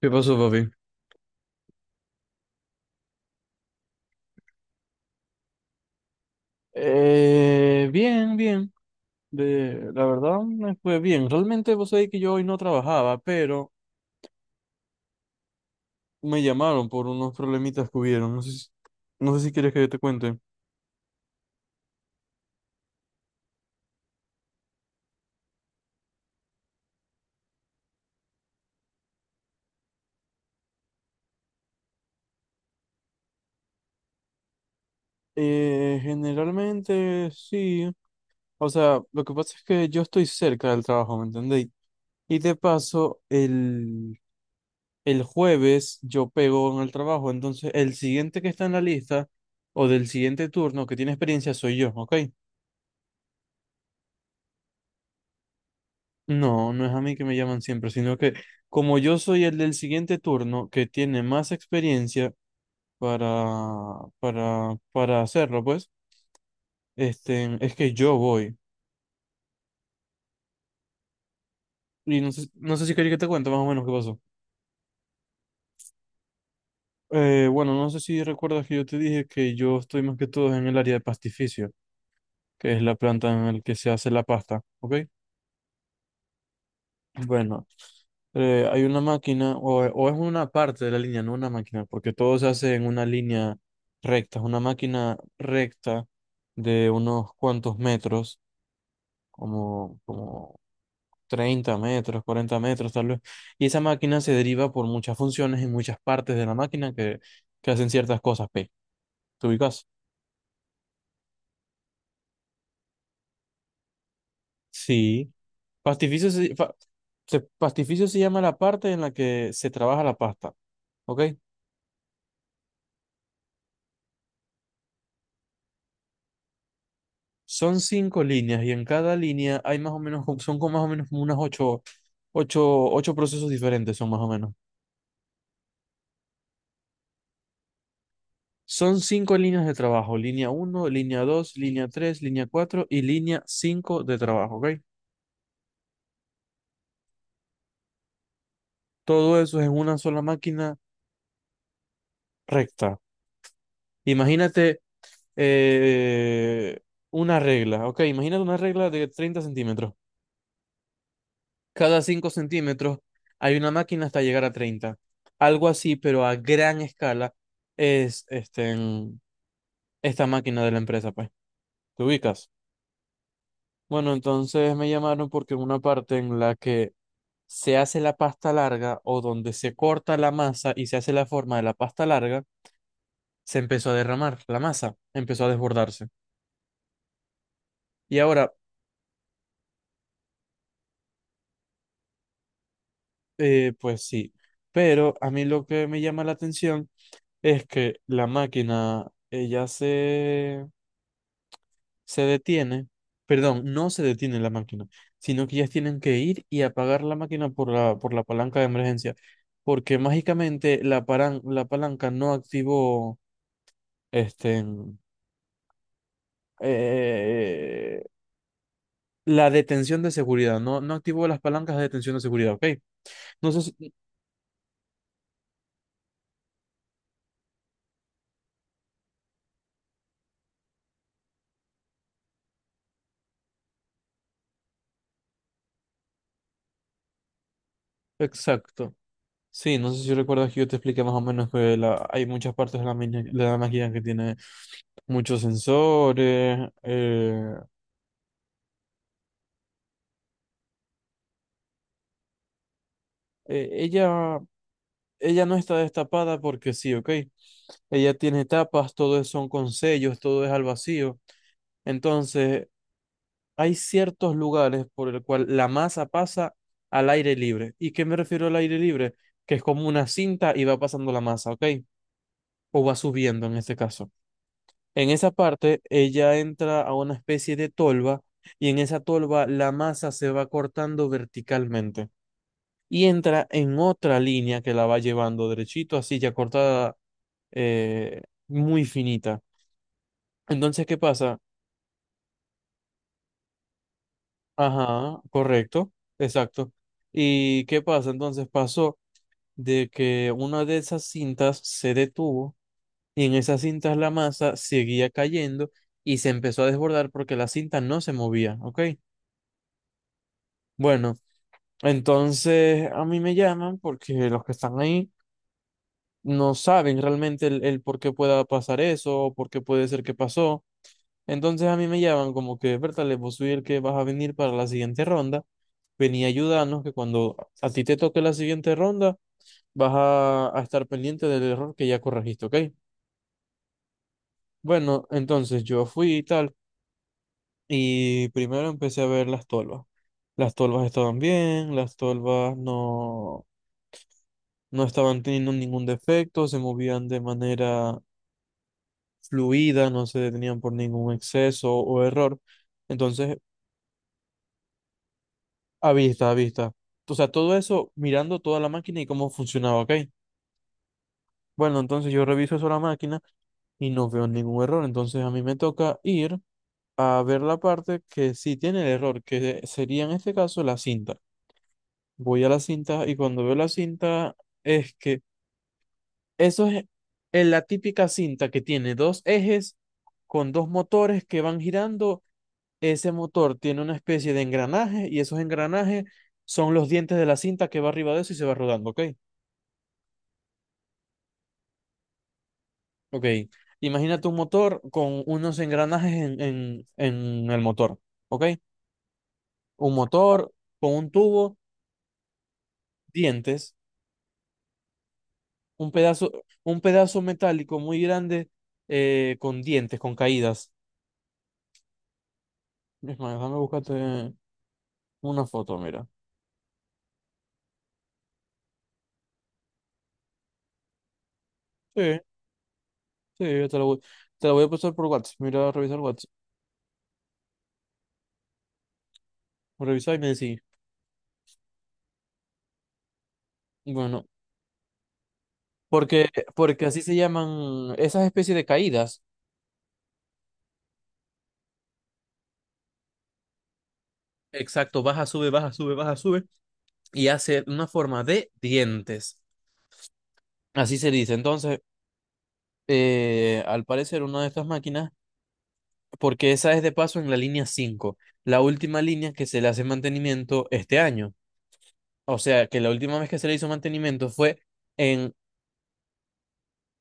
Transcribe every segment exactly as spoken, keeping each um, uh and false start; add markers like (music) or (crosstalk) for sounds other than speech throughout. ¿Qué pasó, papi? Eh, bien, bien. De, la verdad me fue bien. Realmente vos sabés que yo hoy no trabajaba, pero me llamaron por unos problemitas que hubieron. No sé si, no sé si quieres que te cuente. Eh, generalmente sí. O sea, lo que pasa es que yo estoy cerca del trabajo, ¿me entendéis? Y de paso, el, el jueves yo pego en el trabajo, entonces el siguiente que está en la lista o del siguiente turno que tiene experiencia soy yo, ¿ok? No, no es a mí que me llaman siempre, sino que como yo soy el del siguiente turno que tiene más experiencia para para para hacerlo, pues, este, es que yo voy. Y no sé, no sé si quería que te cuente más o menos qué pasó. Eh, bueno, no sé si recuerdas que yo te dije que yo estoy más que todo en el área de pastificio, que es la planta en la que se hace la pasta, ¿ok? Bueno, eh, hay una máquina, o, o es una parte de la línea, no una máquina, porque todo se hace en una línea recta, es una máquina recta de unos cuantos metros, como, como treinta metros, cuarenta metros tal vez, y esa máquina se deriva por muchas funciones en muchas partes de la máquina que, que hacen ciertas cosas, P. ¿Te ubicas? Sí. Pastificio se, fa- se- pastificio se llama la parte en la que se trabaja la pasta, ¿ok? Son cinco líneas y en cada línea hay más o menos, co- son como más o menos como unas ocho, ocho, ocho procesos diferentes, son más o menos. Son cinco líneas de trabajo, línea uno, línea dos, línea tres, línea cuatro y línea cinco de trabajo, ¿ok? Todo eso es en una sola máquina recta. Imagínate eh, una regla, ¿ok? Imagínate una regla de treinta centímetros. Cada cinco centímetros hay una máquina hasta llegar a treinta. Algo así, pero a gran escala es este esta máquina de la empresa, pues. ¿Te ubicas? Bueno, entonces me llamaron porque en una parte en la que se hace la pasta larga o donde se corta la masa y se hace la forma de la pasta larga, se empezó a derramar la masa, empezó a desbordarse. Y ahora, eh, pues sí, pero a mí lo que me llama la atención es que la máquina, ella se se detiene, perdón, no se detiene la máquina, sino que ellas tienen que ir y apagar la máquina por la, por la palanca de emergencia, porque mágicamente la, paran- la palanca no activó este, mm, eh, la detención de seguridad, no, no activó las palancas de detención de seguridad, ¿ok? No sé si... Exacto. Sí, no sé si recuerdas que yo te expliqué más o menos que la, hay muchas partes de la, mina- de la máquina que tiene muchos sensores. eh, eh, ella Ella no está destapada porque sí, ¿ok? Ella tiene tapas, todo es- son con sellos, todo es al vacío. Entonces, hay ciertos lugares por el cual la masa pasa al aire libre. ¿Y qué me refiero al aire libre? Que es como una cinta y va pasando la masa, ¿ok? O va subiendo en este caso. En esa parte, ella entra a una especie de tolva y en esa tolva la masa se va cortando verticalmente y entra en otra línea que la va llevando derechito, así ya cortada, eh, muy finita. Entonces, ¿qué pasa? Ajá, correcto, exacto. ¿Y qué pasa? Entonces pasó de que una de esas cintas se detuvo y en esas cintas la masa seguía cayendo y se empezó a desbordar porque la cinta no se movía, ¿ok? Bueno, entonces a mí me llaman porque los que están ahí no saben realmente el, el por qué pueda pasar eso, o por qué puede ser que pasó. Entonces a mí me llaman como que, Bertale, vos soy el que vas a venir para la siguiente ronda, vení a ayudarnos, que cuando a ti te toque la siguiente ronda, vas a, a estar pendiente del error que ya corregiste, ¿ok? Bueno, entonces yo fui y tal, y primero empecé a ver las tolvas. Las tolvas estaban bien, las tolvas no, no estaban teniendo ningún defecto, se movían de manera fluida, no se detenían por ningún exceso o error. Entonces, a vista, a vista. O sea, todo eso mirando toda la máquina y cómo funcionaba, ¿ok? Bueno, entonces yo reviso eso la máquina y no veo ningún error. Entonces a mí me toca ir a ver la parte que sí tiene el error, que sería en este caso la cinta. Voy a la cinta y cuando veo la cinta es que eso es es la típica cinta que tiene dos ejes con dos motores que van girando. Ese motor tiene una especie de engranaje y esos engranajes son los dientes de la cinta que va arriba de eso y se va rodando, ¿ok? Ok. Imagínate un motor con unos engranajes en, en, en el motor, ¿ok? Un motor con un tubo, dientes, un pedazo, un pedazo metálico muy grande, eh, con dientes, con caídas. Es más, déjame buscarte una foto, mira. Sí, sí, yo te la voy, te la voy a pasar por WhatsApp. Mira, revisar WhatsApp. Revisa y me decís. Bueno, Porque, porque así se llaman esas especies de caídas. Exacto, baja, sube, baja, sube, baja, sube. Y hace una forma de dientes. Así se dice. Entonces, eh, al parecer, una de estas máquinas, porque esa es de paso en la línea cinco, la última línea que se le hace mantenimiento este año. O sea, que la última vez que se le hizo mantenimiento fue en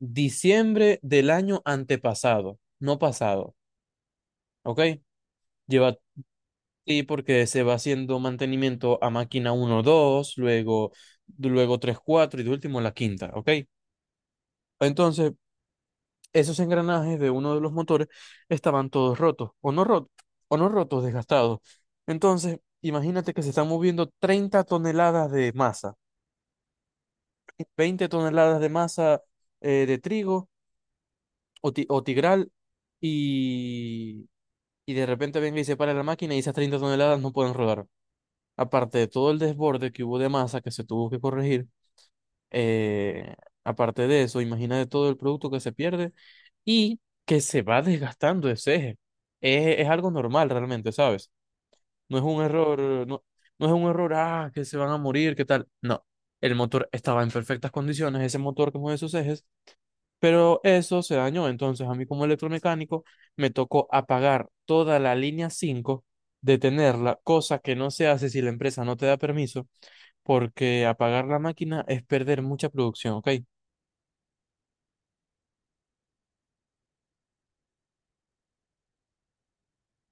diciembre del año antepasado, no pasado. ¿Ok? Lleva Sí, porque se va haciendo mantenimiento a máquina uno, dos, luego, luego tres, cuatro y de último la quinta, ¿ok? Entonces, esos engranajes de uno de los motores estaban todos rotos, o no rotos, o no rotos, desgastados. Entonces, imagínate que se están moviendo treinta toneladas de masa, veinte toneladas de masa, eh, de trigo o, ti- o tigral, y, y de repente venga y se para la máquina y esas treinta toneladas no pueden rodar. Aparte de todo el desborde que hubo de masa que se tuvo que corregir, eh, aparte de eso, imagínate todo el producto que se pierde y que se va desgastando ese eje. Es, es algo normal realmente, ¿sabes? No es un error, no, no es un error, ah, que se van a morir, ¿qué tal? No, el motor estaba en perfectas condiciones, ese motor que mueve sus ejes, pero eso se dañó. Entonces, a mí como electromecánico me tocó apagar toda la línea cinco, detenerla, cosa que no se hace si la empresa no te da permiso porque apagar la máquina es perder mucha producción, ¿ok?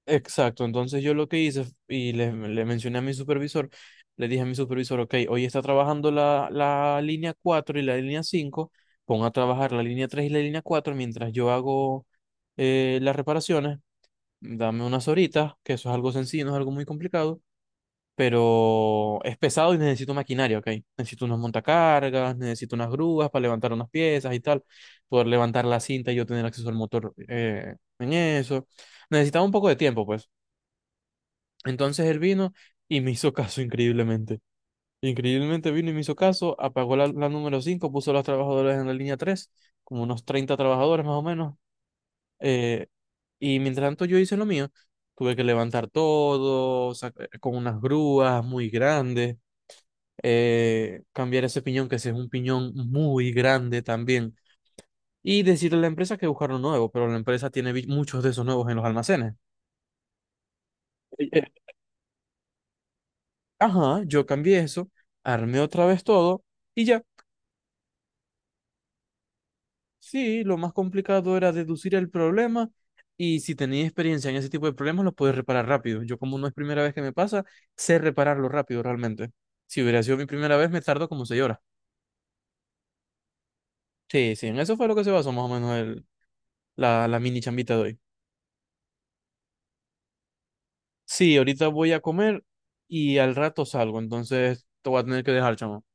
Exacto, entonces yo lo que hice f- y le, le mencioné a mi supervisor, le dije a mi supervisor, ok, hoy está trabajando la, la línea cuatro y la línea cinco, pon a trabajar la línea tres y la línea cuatro mientras yo hago eh, las reparaciones, dame unas horitas, que eso es algo sencillo, no es algo muy complicado, pero es pesado y necesito maquinaria, ¿ok? Necesito unos montacargas, necesito unas grúas para levantar unas piezas y tal, poder levantar la cinta y yo tener acceso al motor, eh, en eso. Necesitaba un poco de tiempo, pues. Entonces él vino y me hizo caso (laughs) increíblemente. Increíblemente vino y me hizo caso, apagó la, la número cinco, puso a los trabajadores en la línea tres, como unos treinta trabajadores más o menos. eh, y mientras tanto yo hice lo mío, tuve que levantar todo, sac- con unas grúas muy grandes, eh, cambiar ese piñón, que ese es un piñón muy grande también, y decirle a la empresa que buscar uno nuevo, pero la empresa tiene vi- muchos de esos nuevos en los almacenes. Eh, eh, Ajá, yo cambié eso, armé otra vez todo y ya. Sí, lo más complicado era deducir el problema y si tenía experiencia en ese tipo de problemas, lo puedes reparar rápido. Yo como no es primera vez que me pasa, sé repararlo rápido realmente. Si hubiera sido mi primera vez, me tardo como seis horas. Sí, sí, en eso fue lo que se basó más o menos el, la, la mini chambita de hoy. Sí, ahorita voy a comer y al rato salgo, entonces te voy a tener que dejar, chamo.